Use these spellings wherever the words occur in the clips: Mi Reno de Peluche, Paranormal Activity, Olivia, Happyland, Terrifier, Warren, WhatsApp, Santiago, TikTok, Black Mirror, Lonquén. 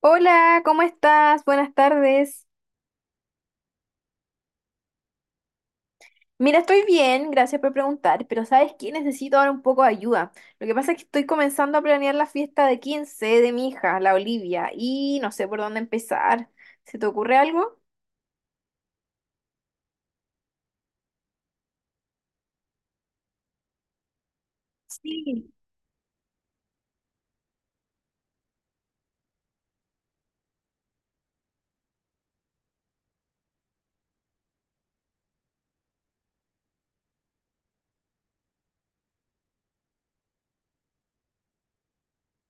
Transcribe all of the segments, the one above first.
Hola, ¿cómo estás? Buenas tardes. Mira, estoy bien, gracias por preguntar, pero ¿sabes qué? Necesito ahora un poco de ayuda. Lo que pasa es que estoy comenzando a planear la fiesta de 15 de mi hija, la Olivia, y no sé por dónde empezar. ¿Se te ocurre algo? Sí.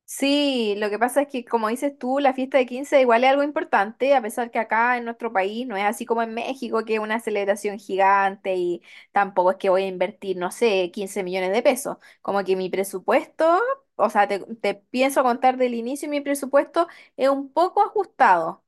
Sí, lo que pasa es que, como dices tú, la fiesta de 15 igual es algo importante, a pesar que acá en nuestro país no es así como en México, que es una celebración gigante y tampoco es que voy a invertir, no sé, 15 millones de pesos. Como que mi presupuesto, o sea, te pienso contar del inicio, mi presupuesto es un poco ajustado.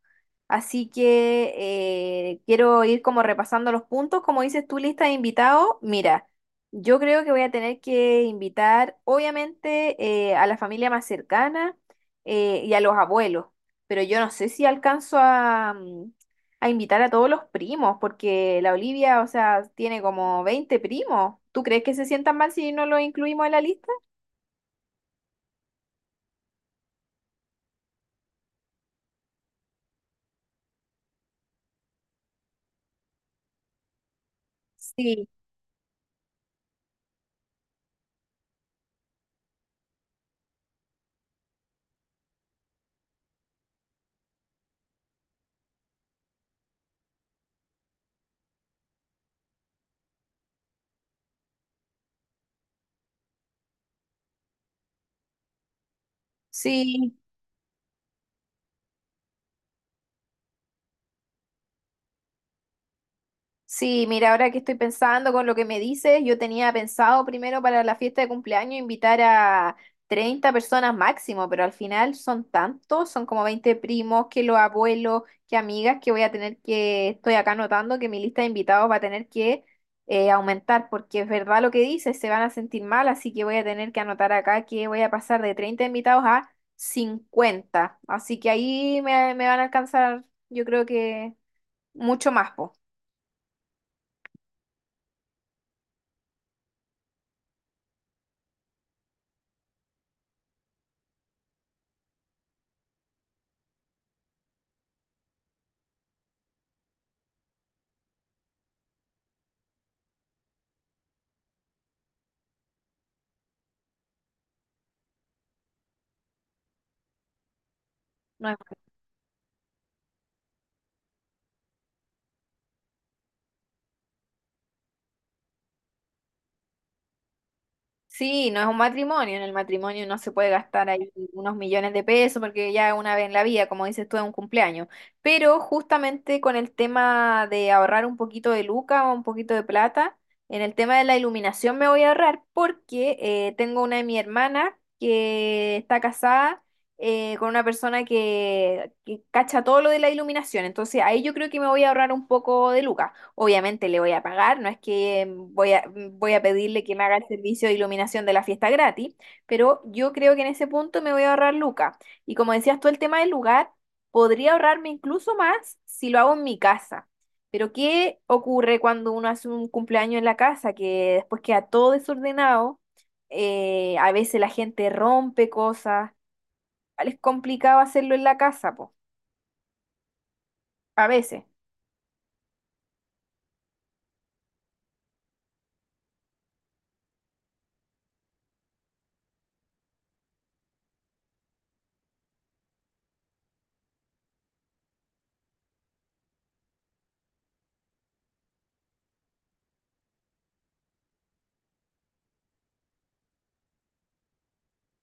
Así que quiero ir como repasando los puntos, como dices tú, lista de invitados. Mira. Yo creo que voy a tener que invitar, obviamente, a la familia más cercana y a los abuelos, pero yo no sé si alcanzo a invitar a todos los primos, porque la Olivia, o sea, tiene como 20 primos. ¿Tú crees que se sientan mal si no los incluimos en la lista? Sí, sí, sí, mira, ahora que estoy pensando con lo que me dices, yo tenía pensado primero para la fiesta de cumpleaños invitar a 30 personas máximo, pero al final son tantos, son como 20 primos, que los abuelos, que amigas, que voy a tener que, estoy acá notando que mi lista de invitados va a tener que aumentar, porque es verdad lo que dices, se van a sentir mal, así que voy a tener que anotar acá que voy a pasar de 30 invitados a 50, así que ahí me, me van a alcanzar, yo creo que mucho más, po. Sí, no es un matrimonio. En el matrimonio no se puede gastar ahí unos millones de pesos porque ya una vez en la vida, como dices tú, es un cumpleaños. Pero justamente con el tema de ahorrar un poquito de luca o un poquito de plata, en el tema de la iluminación me voy a ahorrar porque tengo una de mi hermana que está casada con una persona que cacha todo lo de la iluminación. Entonces ahí yo creo que me voy a ahorrar un poco de lucas. Obviamente le voy a pagar, no es que voy a pedirle que me haga el servicio de iluminación de la fiesta gratis, pero yo creo que en ese punto me voy a ahorrar lucas. Y como decías tú, el tema del lugar, podría ahorrarme incluso más si lo hago en mi casa. Pero ¿qué ocurre cuando uno hace un cumpleaños en la casa que después queda todo desordenado? A veces la gente rompe cosas. Igual es complicado hacerlo en la casa, po, a veces,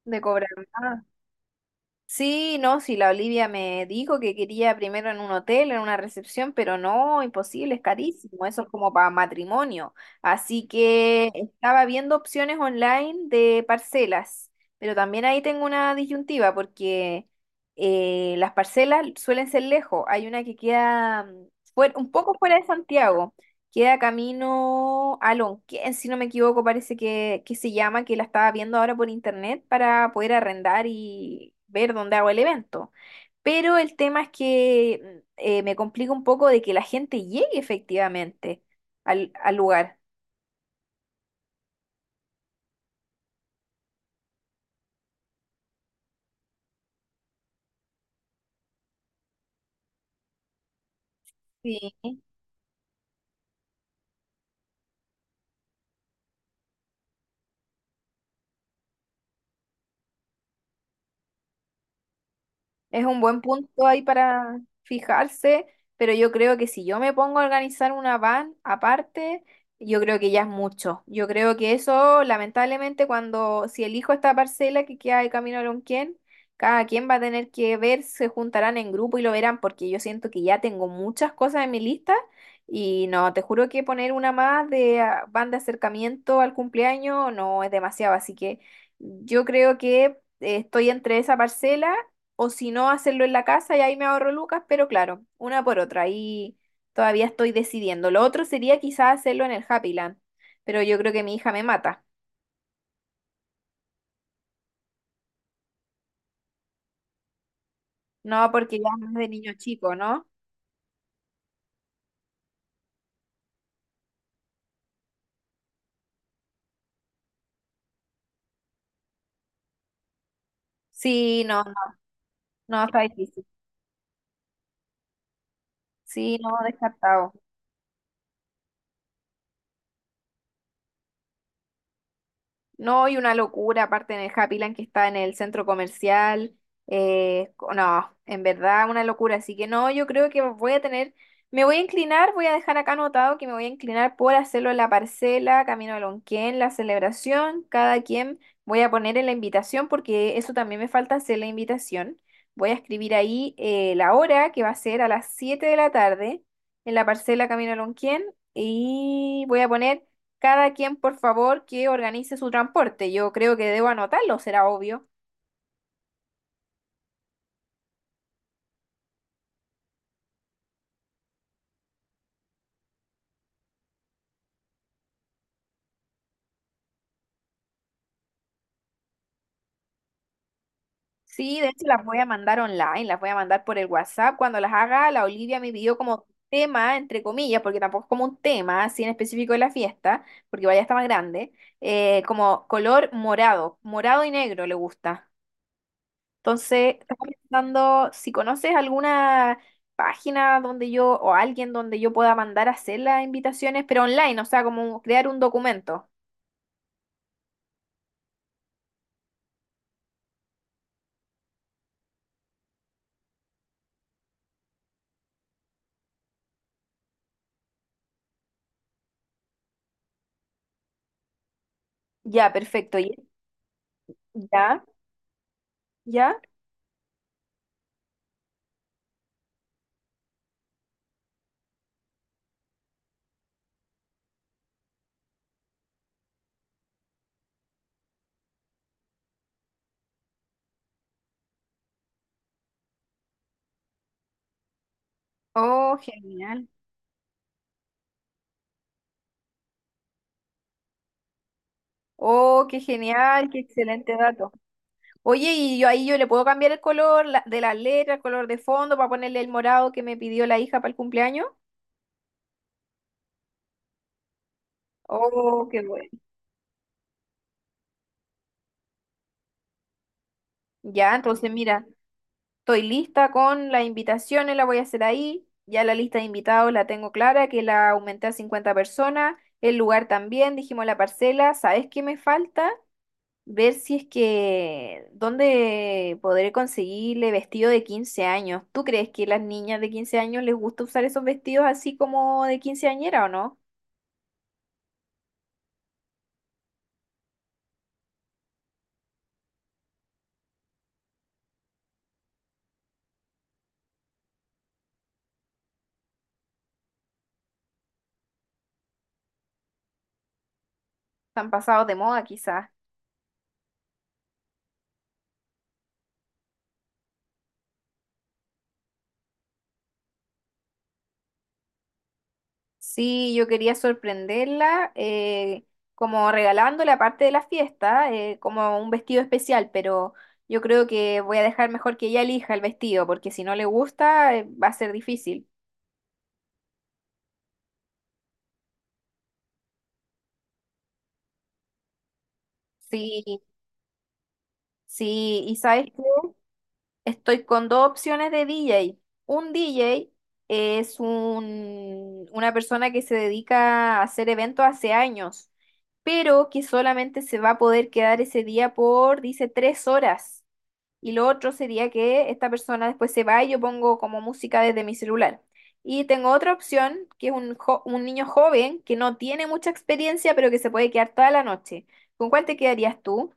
de cobrar. Sí, no, sí, la Olivia me dijo que quería primero en un hotel, en una recepción, pero no, imposible, es carísimo, eso es como para matrimonio. Así que estaba viendo opciones online de parcelas, pero también ahí tengo una disyuntiva porque las parcelas suelen ser lejos, hay una que queda un poco fuera de Santiago. Queda camino a Lonquén, si no me equivoco, parece que se llama, que la estaba viendo ahora por internet para poder arrendar y ver dónde hago el evento. Pero el tema es que me complica un poco de que la gente llegue efectivamente al lugar. Sí. Es un buen punto ahí para fijarse, pero yo creo que si yo me pongo a organizar una van aparte, yo creo que ya es mucho. Yo creo que eso, lamentablemente, cuando si elijo esta parcela que queda de camino a Lonquén, cada quien va a tener que ver, se juntarán en grupo y lo verán, porque yo siento que ya tengo muchas cosas en mi lista y no, te juro que poner una más de van de acercamiento al cumpleaños no es demasiado, así que yo creo que estoy entre esa parcela o si no, hacerlo en la casa y ahí me ahorro lucas, pero claro, una por otra. Ahí todavía estoy decidiendo. Lo otro sería quizás hacerlo en el Happyland, pero yo creo que mi hija me mata. No, porque ya no es de niño chico, ¿no? Sí, no, no, no, está difícil. Sí, no, descartado. No, y una locura, aparte en el Happyland que está en el centro comercial. No, en verdad, una locura. Así que no, yo creo que voy a tener, me voy a inclinar, voy a dejar acá anotado que me voy a inclinar por hacerlo en la parcela, camino a Lonquén, la celebración, cada quien voy a poner en la invitación, porque eso también me falta hacer la invitación. Voy a escribir ahí la hora, que va a ser a las 7 de la tarde, en la parcela, camino a Lonquén, y voy a poner. Cada quien, por favor, que organice su transporte. Yo creo que debo anotarlo, será obvio. Sí, de hecho las voy a mandar online, las voy a mandar por el WhatsApp. Cuando las haga, la Olivia me pidió como tema, entre comillas, porque tampoco es como un tema, así en específico de la fiesta, porque vaya está más grande, como color morado, morado y negro le gusta. Entonces, estaba pensando si conoces alguna página donde yo, o alguien donde yo pueda mandar a hacer las invitaciones, pero online, o sea, como crear un documento. Ya, perfecto. Ya, ya. Oh, genial. Oh, qué genial, qué excelente dato. Oye, y yo ahí yo le puedo cambiar el color de la letra, el color de fondo, para ponerle el morado que me pidió la hija para el cumpleaños. Oh, qué bueno. Ya, entonces mira, estoy lista con las invitaciones, la voy a hacer ahí. Ya la lista de invitados la tengo clara, que la aumenté a 50 personas. El lugar también, dijimos la parcela. ¿Sabes qué me falta? Ver si es que dónde podré conseguirle vestido de 15 años. ¿Tú crees que las niñas de 15 años les gusta usar esos vestidos así como de quinceañera o no? Están pasados de moda quizás. Sí, yo quería sorprenderla como regalándole aparte de la fiesta, como un vestido especial, pero yo creo que voy a dejar mejor que ella elija el vestido, porque si no le gusta, va a ser difícil. Sí, sí, y sabes estoy con dos opciones de DJ. Un DJ es una persona que se dedica a hacer eventos hace años, pero que solamente se va a poder quedar ese día por, dice, 3 horas. Y lo otro sería que esta persona después se va y yo pongo como música desde mi celular. Y tengo otra opción, que es un niño joven que no tiene mucha experiencia, pero que se puede quedar toda la noche. ¿Con cuál te quedarías tú?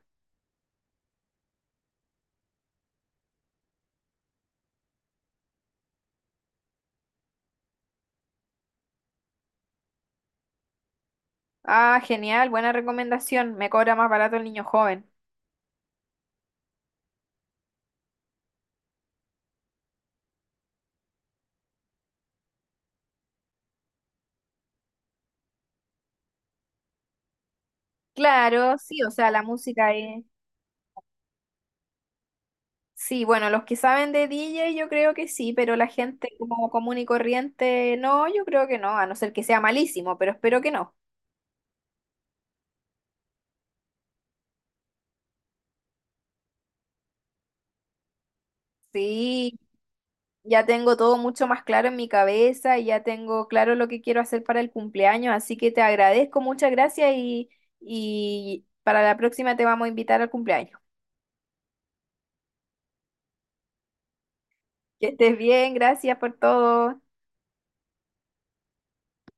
Ah, genial, buena recomendación. Me cobra más barato el niño joven. Claro, sí, o sea, la música es... Sí, bueno, los que saben de DJ yo creo que sí, pero la gente como común y corriente, no, yo creo que no, a no ser que sea malísimo, pero espero que no. Sí, ya tengo todo mucho más claro en mi cabeza y ya tengo claro lo que quiero hacer para el cumpleaños, así que te agradezco, muchas gracias y para la próxima te vamos a invitar al cumpleaños. Que estés bien, gracias por todo.